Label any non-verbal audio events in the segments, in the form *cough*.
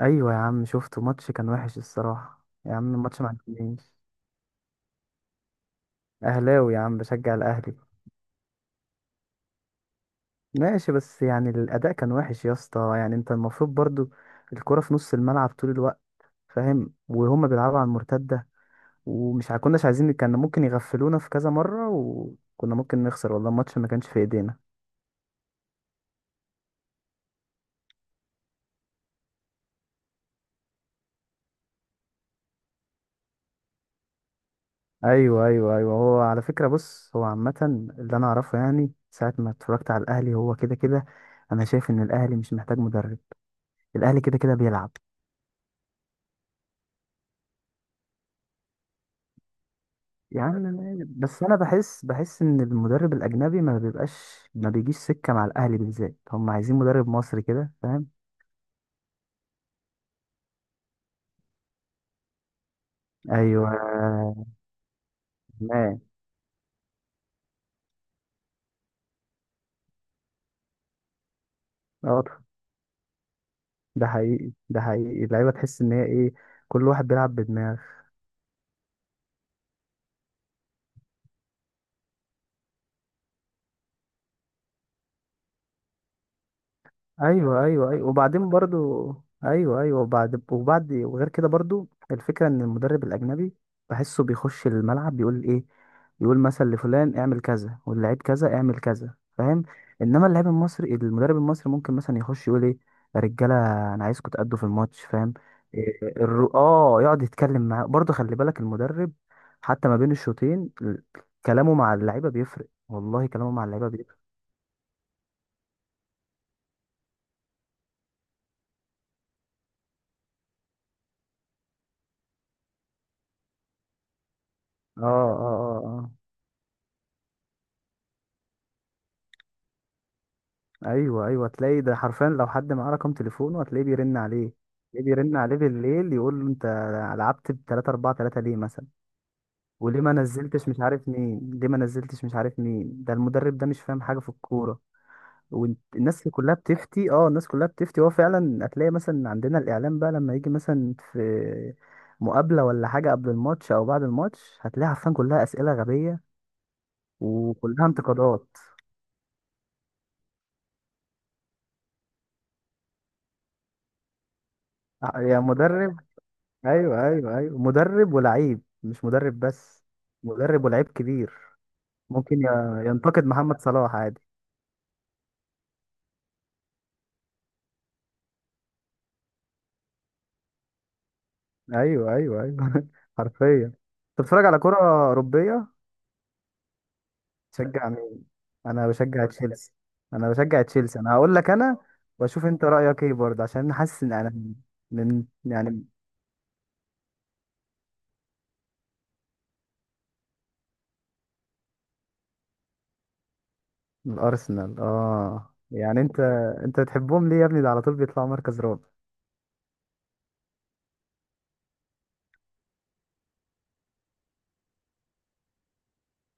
ايوه يا عم، شفته. ماتش كان وحش الصراحه، يا عم. الماتش ما عجبنيش. اهلاوي يا عم، بشجع الاهلي. ماشي، بس يعني الاداء كان وحش يا اسطى. يعني انت المفروض برضو الكرة في نص الملعب طول الوقت، فاهم؟ وهما بيلعبوا على المرتده. ومش كناش عايزين. كان ممكن يغفلونا في كذا مره، وكنا ممكن نخسر. والله الماتش ما كانش في ايدينا. ايوه، ايوه، ايوه. هو على فكره، بص، هو عامه، اللي انا اعرفه، يعني ساعه ما اتفرجت على الاهلي هو كده كده. انا شايف ان الاهلي مش محتاج مدرب. الاهلي كده كده بيلعب. يا عم ماشي. بس انا بحس ان المدرب الاجنبي ما بيبقاش، ما بيجيش سكه مع الاهلي بالذات. هم عايزين مدرب مصري، كده فاهم؟ ايوه. ما. اه. ده حقيقي، ده حقيقي. اللعيبه تحس ان هي ايه، كل واحد بيلعب بدماغه. ايوه، ايوه، ايوه، وبعدين برضو. ايوه، ايوه، وبعد وغير كده، برضو الفكره ان المدرب الاجنبي بحسه بيخش الملعب بيقول ايه؟ يقول مثلا لفلان اعمل كذا، واللعيب كذا اعمل كذا، فاهم؟ انما اللاعب المصري المدرب المصري ممكن مثلا يخش يقول ايه؟ يا رجاله، انا عايزكم تأدوا في الماتش، فاهم؟ إيه الر... اه يقعد يتكلم معاه برضو. خلي بالك المدرب، حتى ما بين الشوطين كلامه مع اللعيبه بيفرق، والله كلامه مع اللعيبه بيفرق. اه، اه، اه. ايوه، ايوه. تلاقي ده حرفيا، لو حد معاه رقم تليفونه هتلاقيه بيرن عليه. تلاقيه بيرن عليه بالليل، يقول له انت لعبت ب 3 4 3 ليه مثلا؟ وليه ما نزلتش مش عارف مين، ليه ما نزلتش مش عارف مين، ده المدرب ده مش فاهم حاجه في الكوره. والناس كلها بتفتي، الناس كلها بتفتي. هو فعلا هتلاقي مثلا عندنا الاعلام بقى، لما يجي مثلا في مقابله ولا حاجه قبل الماتش او بعد الماتش، هتلاقي عارفين، كلها اسئله غبيه وكلها انتقادات. يا مدرب. ايوه، ايوه، ايوه، مدرب ولعيب، مش مدرب بس. مدرب ولعيب كبير. ممكن ينتقد محمد صلاح عادي. ايوه، ايوه، ايوه. *laughs* حرفيا. تتفرج على كرة أوروبية. تشجع مين؟ انا بشجع تشيلسي. انا بشجع تشيلسي. انا هقول لك انا، واشوف انت رأيك ايه برضه، عشان حاسس ان انا من، يعني، من الارسنال. اه، يعني انت، انت بتحبهم ليه يا ابني؟ ده على طول بيطلعوا مركز رابع.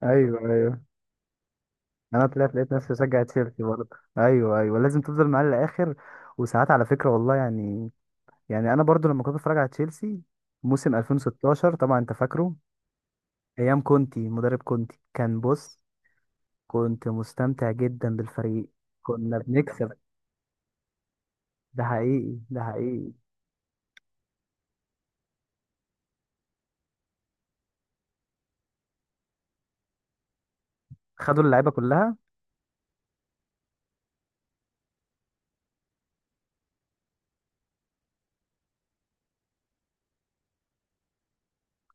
ايوه، ايوه، انا طلعت لقيت نفسي بشجع تشيلسي برضه. ايوه، ايوه، لازم تفضل معاه للاخر. وساعات على فكره والله، يعني انا برضه لما كنت بتفرج على تشيلسي موسم 2016، طبعا انت فاكره. ايام كونتي، مدرب كونتي كان، بص، كنت مستمتع جدا بالفريق. كنا بنكسب. ده حقيقي، ده حقيقي. خدوا اللعيبه كلها.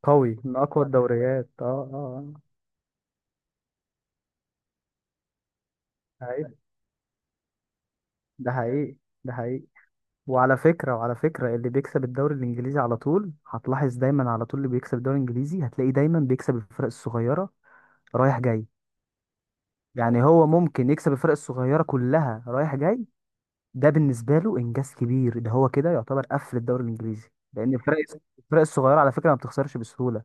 قوي، من اقوى الدوريات. اه، اه. آه. حقيقي. ده حقيقي، ده حقيقي. وعلى فكرة، اللي بيكسب الدوري الإنجليزي على طول، هتلاحظ دايما على طول اللي بيكسب الدوري الإنجليزي هتلاقيه دايما بيكسب الفرق الصغيرة رايح جاي. يعني هو ممكن يكسب الفرق الصغيرة كلها رايح جاي، ده بالنسبة له إنجاز كبير. ده هو كده يعتبر قفل الدوري الإنجليزي، لأن الفرق الصغيرة على فكرة ما بتخسرش بسهولة.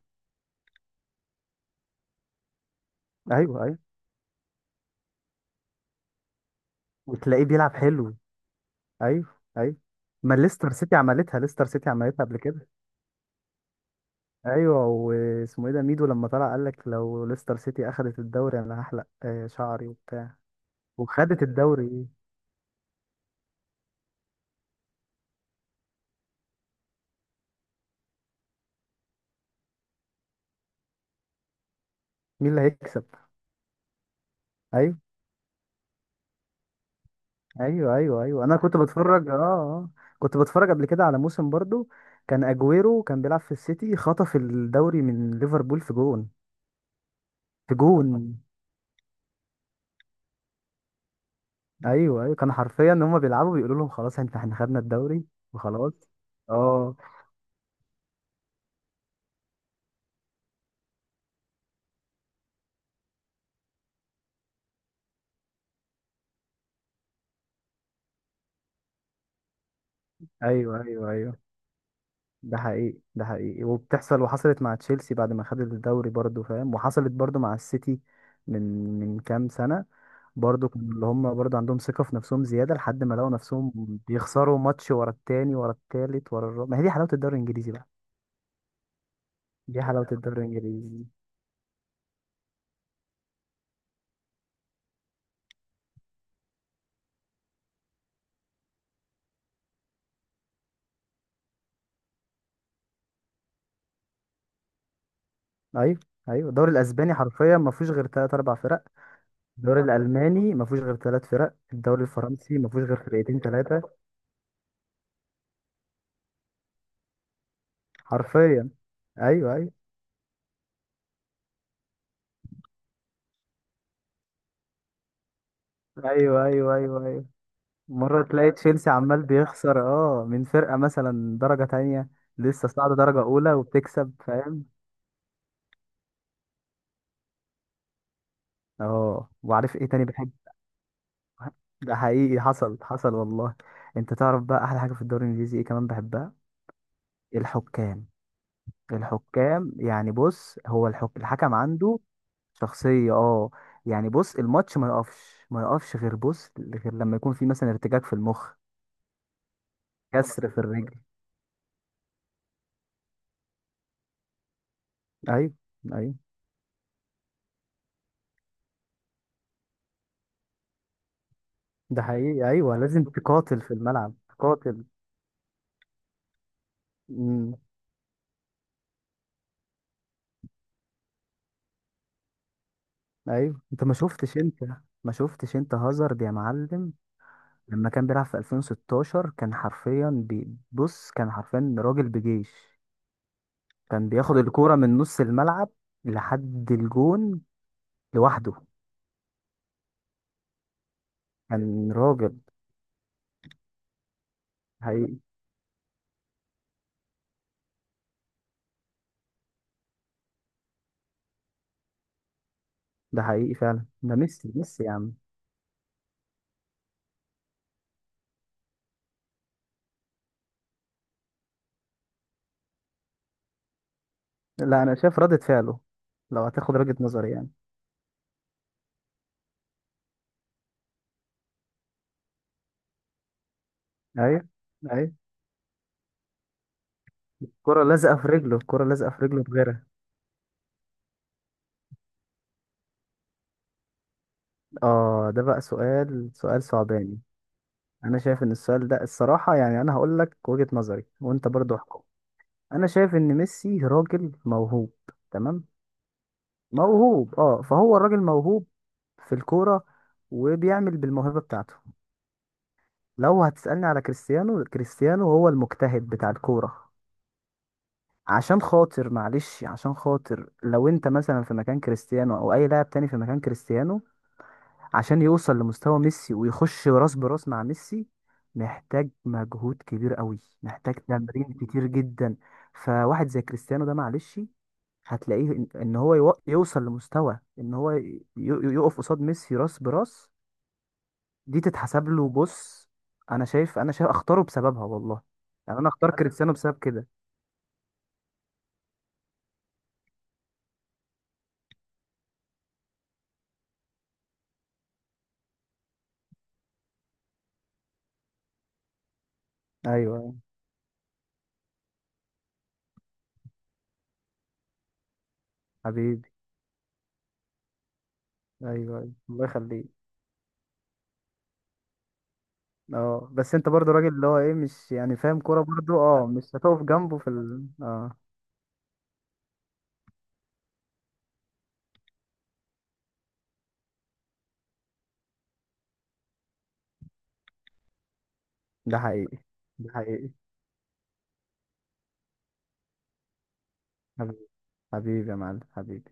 ايوه، ايوه، وتلاقيه بيلعب حلو. ايوه، ايوه، ما ليستر سيتي عملتها، ليستر سيتي عملتها قبل كده. ايوه، واسمه ايه ده، ميدو، لما طلع قال لك لو ليستر سيتي اخذت الدوري انا هحلق شعري وبتاع، وخدت الدوري. مين اللي هيكسب؟ ايوه، ايوه، ايوه، ايوه، انا كنت بتفرج اه آه. كنت بتفرج قبل كده على موسم برضو. كان اجويرو كان بيلعب في السيتي، خطف الدوري من ليفربول في جون، في جون. ايوه، ايوه، كان حرفيا ان هم بيلعبوا بيقولوا لهم خلاص، احنا خدنا الدوري وخلاص. اه. ايوه، ايوه، ايوه، ده حقيقي، ده حقيقي. وحصلت مع تشيلسي بعد ما خد الدوري برضو، فاهم؟ وحصلت برضو مع السيتي من من كام سنة. برضو كانوا، اللي هم برضو عندهم ثقة في نفسهم زيادة، لحد ما لقوا نفسهم بيخسروا ماتش ورا التاني ورا التالت ورا الرابع. ما هي دي حلاوة الدوري الإنجليزي بقى. دي حلاوة الدوري الإنجليزي. أيوه، أيوه، الدوري الأسباني حرفيا ما فيهوش غير تلات أربع فرق. الدوري الألماني ما فيهوش غير تلات فرق. الدوري الفرنسي ما فيهوش غير فرقتين تلاتة. حرفيا. أيوه، أيوه، أيوه، أيوه، أيوه، مرة تلاقي تشيلسي عمال بيخسر من فرقة مثلا درجة تانية لسه صاعدة درجة أولى وبتكسب، فاهم؟ اه. وعارف ايه تاني بحب؟ ده حقيقي، حصل حصل والله. انت تعرف بقى أحلى حاجة في الدوري الإنجليزي ايه كمان بحبها؟ الحكام. الحكام يعني، بص، هو الحكم عنده شخصية. اه، يعني بص، الماتش ما يقفش غير، بص، غير لما يكون في مثلا ارتجاج في المخ، كسر في الرجل. ايوه، ايوه، ده حقيقي. ايوه، لازم تقاتل في الملعب، تقاتل. امم ايوه. انت ما شفتش انت ما شفتش انت هازارد يا معلم، لما كان بيلعب في 2016؟ كان حرفيا راجل بجيش. كان بياخد الكوره من نص الملعب لحد الجون لوحده. كان راجل. حقيقي، ده حقيقي فعلا. ده ميسي، ميسي يا عم. لا، انا شايف ردة فعله، لو هتاخد وجهة نظري يعني. ايوه، ايوه، الكرة لازقة في رجله، الكرة لازقة في رجله بغيرها. اه، ده بقى سؤال، سؤال صعباني. انا شايف ان السؤال ده، الصراحه يعني، انا هقول لك وجهه نظري وانت برضو احكم. انا شايف ان ميسي راجل موهوب. تمام؟ موهوب اه، فهو الراجل موهوب في الكوره، وبيعمل بالموهبه بتاعته. لو هتسالني على كريستيانو، كريستيانو هو المجتهد بتاع الكوره. عشان خاطر، لو انت مثلا في مكان كريستيانو او اي لاعب تاني في مكان كريستيانو، عشان يوصل لمستوى ميسي ويخش راس براس مع ميسي، محتاج مجهود كبير قوي، محتاج تمرين كتير جدا. فواحد زي كريستيانو ده، معلش، هتلاقيه ان هو يوصل لمستوى ان هو يقف قصاد ميسي راس براس. دي تتحسب له. بص، انا شايف اختاره بسببها والله. يعني انا اختار كريستيانو بسبب كده. ايوه. حبيبي. ايوه. أيوة. الله يخليك. اه، بس انت برضو راجل اللي هو ايه، مش يعني فاهم كوره برضو، اه، مش هتقف جنبه في ال... اه ده حقيقي، ده حقيقي. حبيبي. حبيبي يا معلم. حبيبي.